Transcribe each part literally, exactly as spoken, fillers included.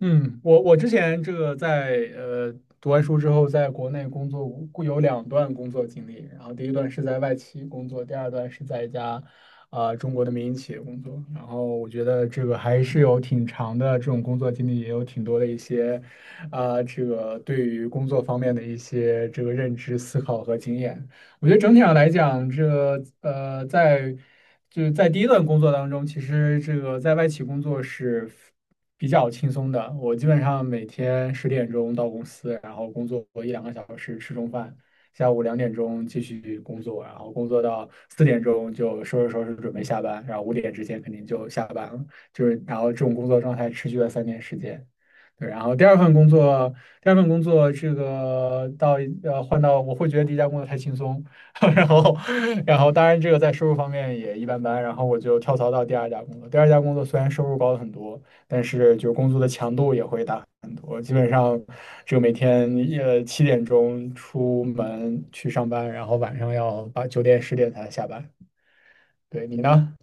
嗯，我我之前这个在呃读完书之后，在国内工作过有两段工作经历，然后第一段是在外企工作，第二段是在一家呃中国的民营企业工作。然后我觉得这个还是有挺长的这种工作经历，也有挺多的一些啊、这个对于工作方面的一些这个认知、思考和经验。我觉得整体上来讲，这个呃，在就是在第一段工作当中，其实这个在外企工作是比较轻松的。我基本上每天十点钟到公司，然后工作一两个小时，吃中饭，下午两点钟继续工作，然后工作到四点钟就收拾收拾准备下班，然后五点之前肯定就下班了。就是然后这种工作状态持续了三年时间。对，然后第二份工作，第二份工作这个到呃换到我会觉得第一家工作太轻松，然后，然后当然这个在收入方面也一般般，然后我就跳槽到第二家工作。第二家工作虽然收入高了很多，但是就工作的强度也会大很多。基本上，就每天呃七点钟出门去上班，然后晚上要八九点十点才下班。对你呢？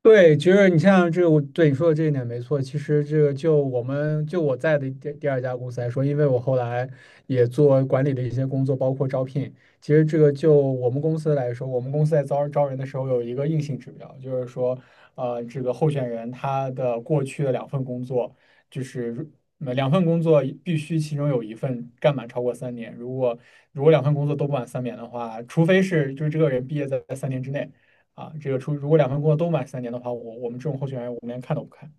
对，其实你像这个，我对你说的这一点没错。其实这个就我们就我在的第第二家公司来说，因为我后来也做管理的一些工作，包括招聘。其实这个就我们公司来说，我们公司在招招人的时候有一个硬性指标，就是说，呃，这个候选人他的过去的两份工作，就是如嗯两份工作必须其中有一份干满超过三年。如果如果两份工作都不满三年的话，除非是就是这个人毕业在在三年之内。啊，这个出如果两份工作都满三年的话，我我们这种候选人我们连看都不看。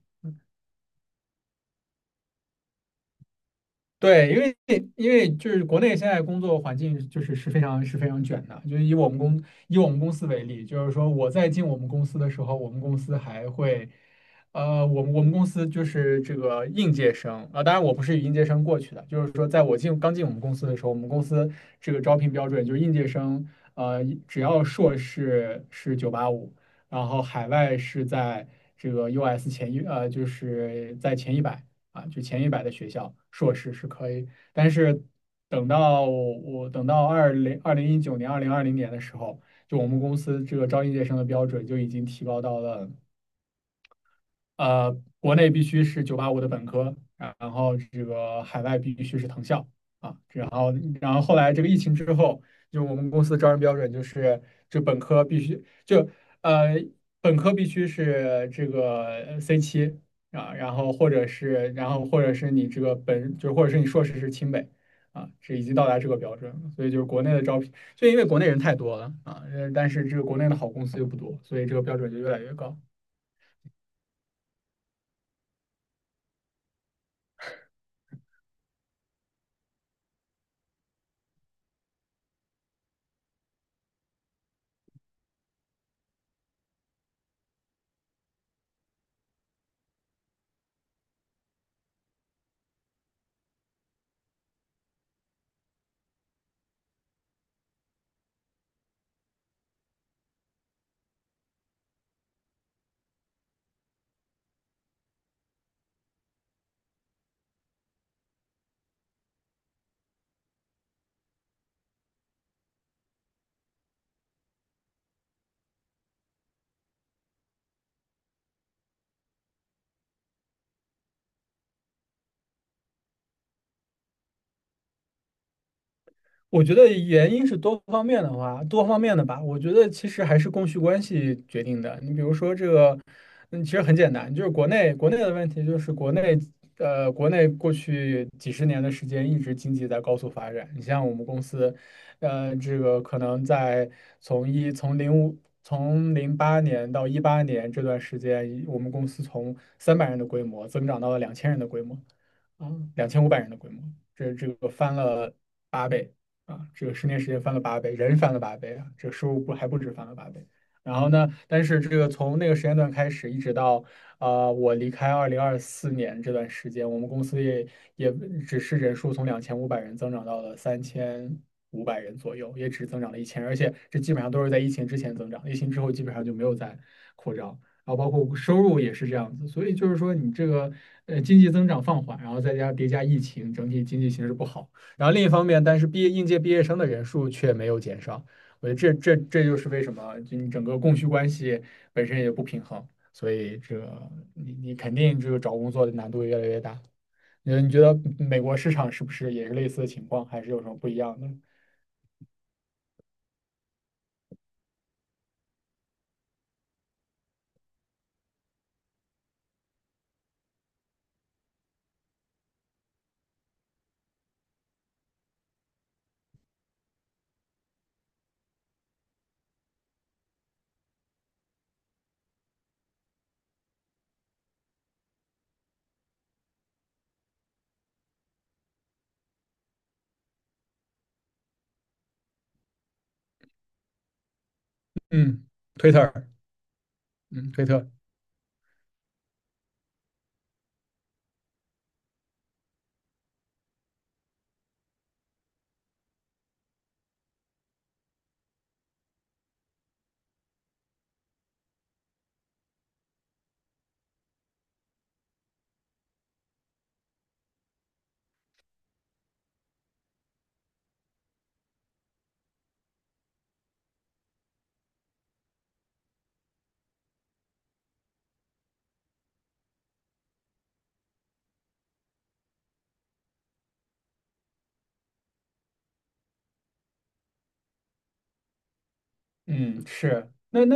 对，因为因为就是国内现在工作环境就是是非常是非常卷的，就是以我们公以我们公司为例，就是说我在进我们公司的时候，我们公司还会，呃，我们我们公司就是这个应届生啊，当然我不是以应届生过去的，就是说在我进刚进我们公司的时候，我们公司这个招聘标准就是应届生，呃，只要硕士是九八五，然后海外是在这个 U S 前一呃就是在前一百。啊，就前一百的学校硕士是可以，但是等到我等到二零二零一九年、二零二零年的时候，就我们公司这个招应届生的标准就已经提高到了。呃，国内必须是九八五的本科，然然后这个海外必须是藤校啊，然后然后后来这个疫情之后，就我们公司招人标准就是就本科必须就呃本科必须是这个 C 七啊，然后或者是然后或者是你这个本就或者是你硕士是清北。啊，这已经到达这个标准了，所以就是国内的招聘，就因为国内人太多了啊，呃但是这个国内的好公司又不多，所以这个标准就越来越高。我觉得原因是多方面的话，多方面的吧。我觉得其实还是供需关系决定的。你比如说这个，嗯，其实很简单，就是国内国内的问题，就是国内呃，国内过去几十年的时间一直经济在高速发展。你像我们公司，呃，这个可能在从一从零五从零八年到一八年这段时间，我们公司从三百人的规模增长到了两千人的规模。啊，两千五百人的规模，这这个翻了八倍。啊，这个十年时间翻了八倍，人翻了八倍啊，这个收入不还不止翻了八倍。然后呢，但是这个从那个时间段开始，一直到啊、我离开二零二四年这段时间，我们公司也也只是人数从两千五百人增长到了三千五百人左右，也只增长了一千，而且这基本上都是在疫情之前增长，疫情之后基本上就没有再扩张。然后包括收入也是这样子，所以就是说你这个呃经济增长放缓，然后再加叠加疫情，整体经济形势不好。然后另一方面，但是毕业应届毕业生的人数却没有减少。我觉得这这这就是为什么，就你整个供需关系本身也不平衡，所以这个你你肯定这个找工作的难度越来越大。你你觉得美国市场是不是也是类似的情况，还是有什么不一样的？嗯，推特儿，嗯，推特。嗯，是，那那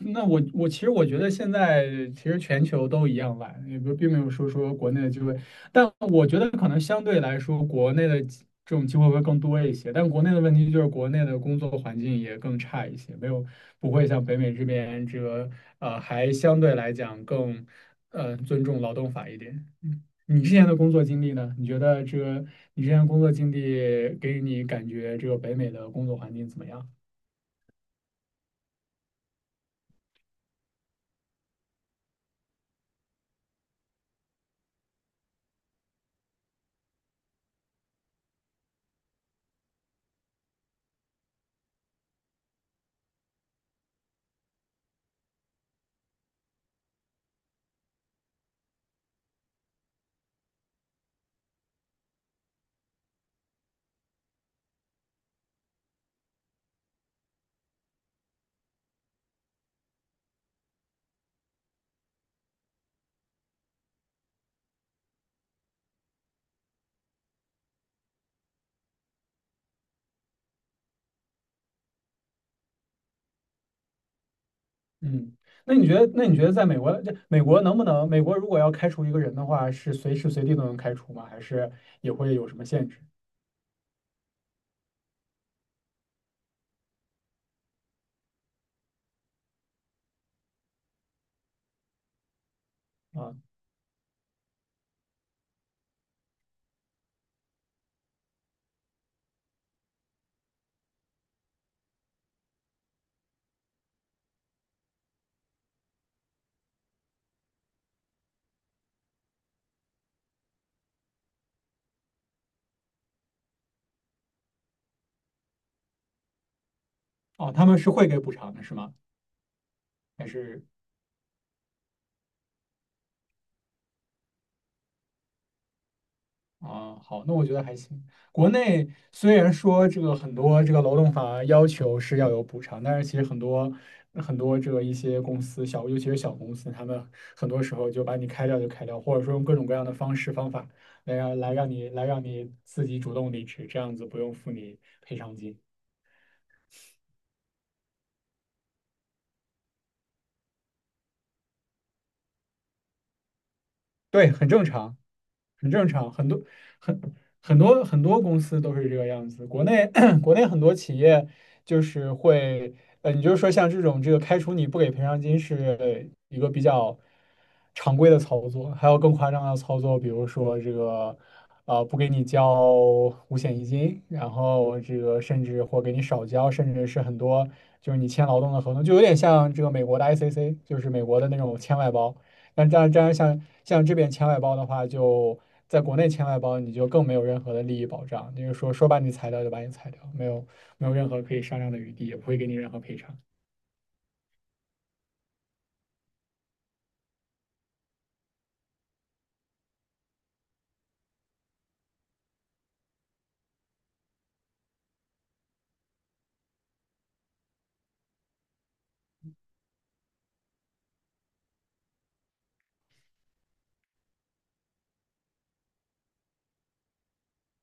那我我其实我觉得现在其实全球都一样懒，也不并没有说说国内的机会，但我觉得可能相对来说国内的机这种机会会更多一些，但国内的问题就是国内的工作环境也更差一些，没有不会像北美这边这个呃还相对来讲更呃尊重劳动法一点。嗯，你之前的工作经历呢？你觉得这个你之前的工作经历给你感觉这个北美的工作环境怎么样？嗯，那你觉得，那你觉得在美国，这美国能不能，美国如果要开除一个人的话，是随时随地都能开除吗？还是也会有什么限制啊？哦，他们是会给补偿的，是吗？还是？啊，好，那我觉得还行。国内虽然说这个很多这个劳动法要求是要有补偿，但是其实很多很多这个一些公司小，尤其是小公司，他们很多时候就把你开掉就开掉，或者说用各种各样的方式方法来让来让你来让你自己主动离职，这样子不用付你赔偿金。对，很正常。很正常，很多很很多很多公司都是这个样子。国内 国内很多企业就是会，呃，你就是说像这种这个开除你不给赔偿金是一个比较常规的操作，还有更夸张的操作，比如说这个呃不给你交五险一金，然后这个甚至或给你少交，甚至是很多就是你签劳动的合同，就有点像这个美国的 I C C，就是美国的那种签外包。那这样这样像像这边签外包的话，就在国内签外包，你就更没有任何的利益保障，就是说说把你裁掉就把你裁掉，没有没有任何可以商量的余地，也不会给你任何赔偿。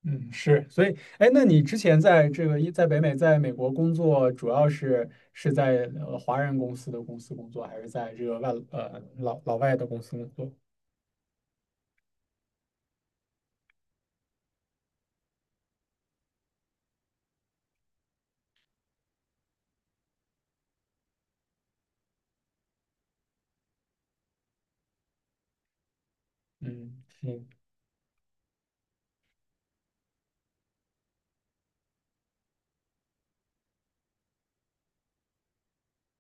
嗯，是，所以，哎，那你之前在这个一在北美，在美国工作，主要是是在呃华人公司的公司工作，还是在这个外呃老老外的公司工作？嗯，行。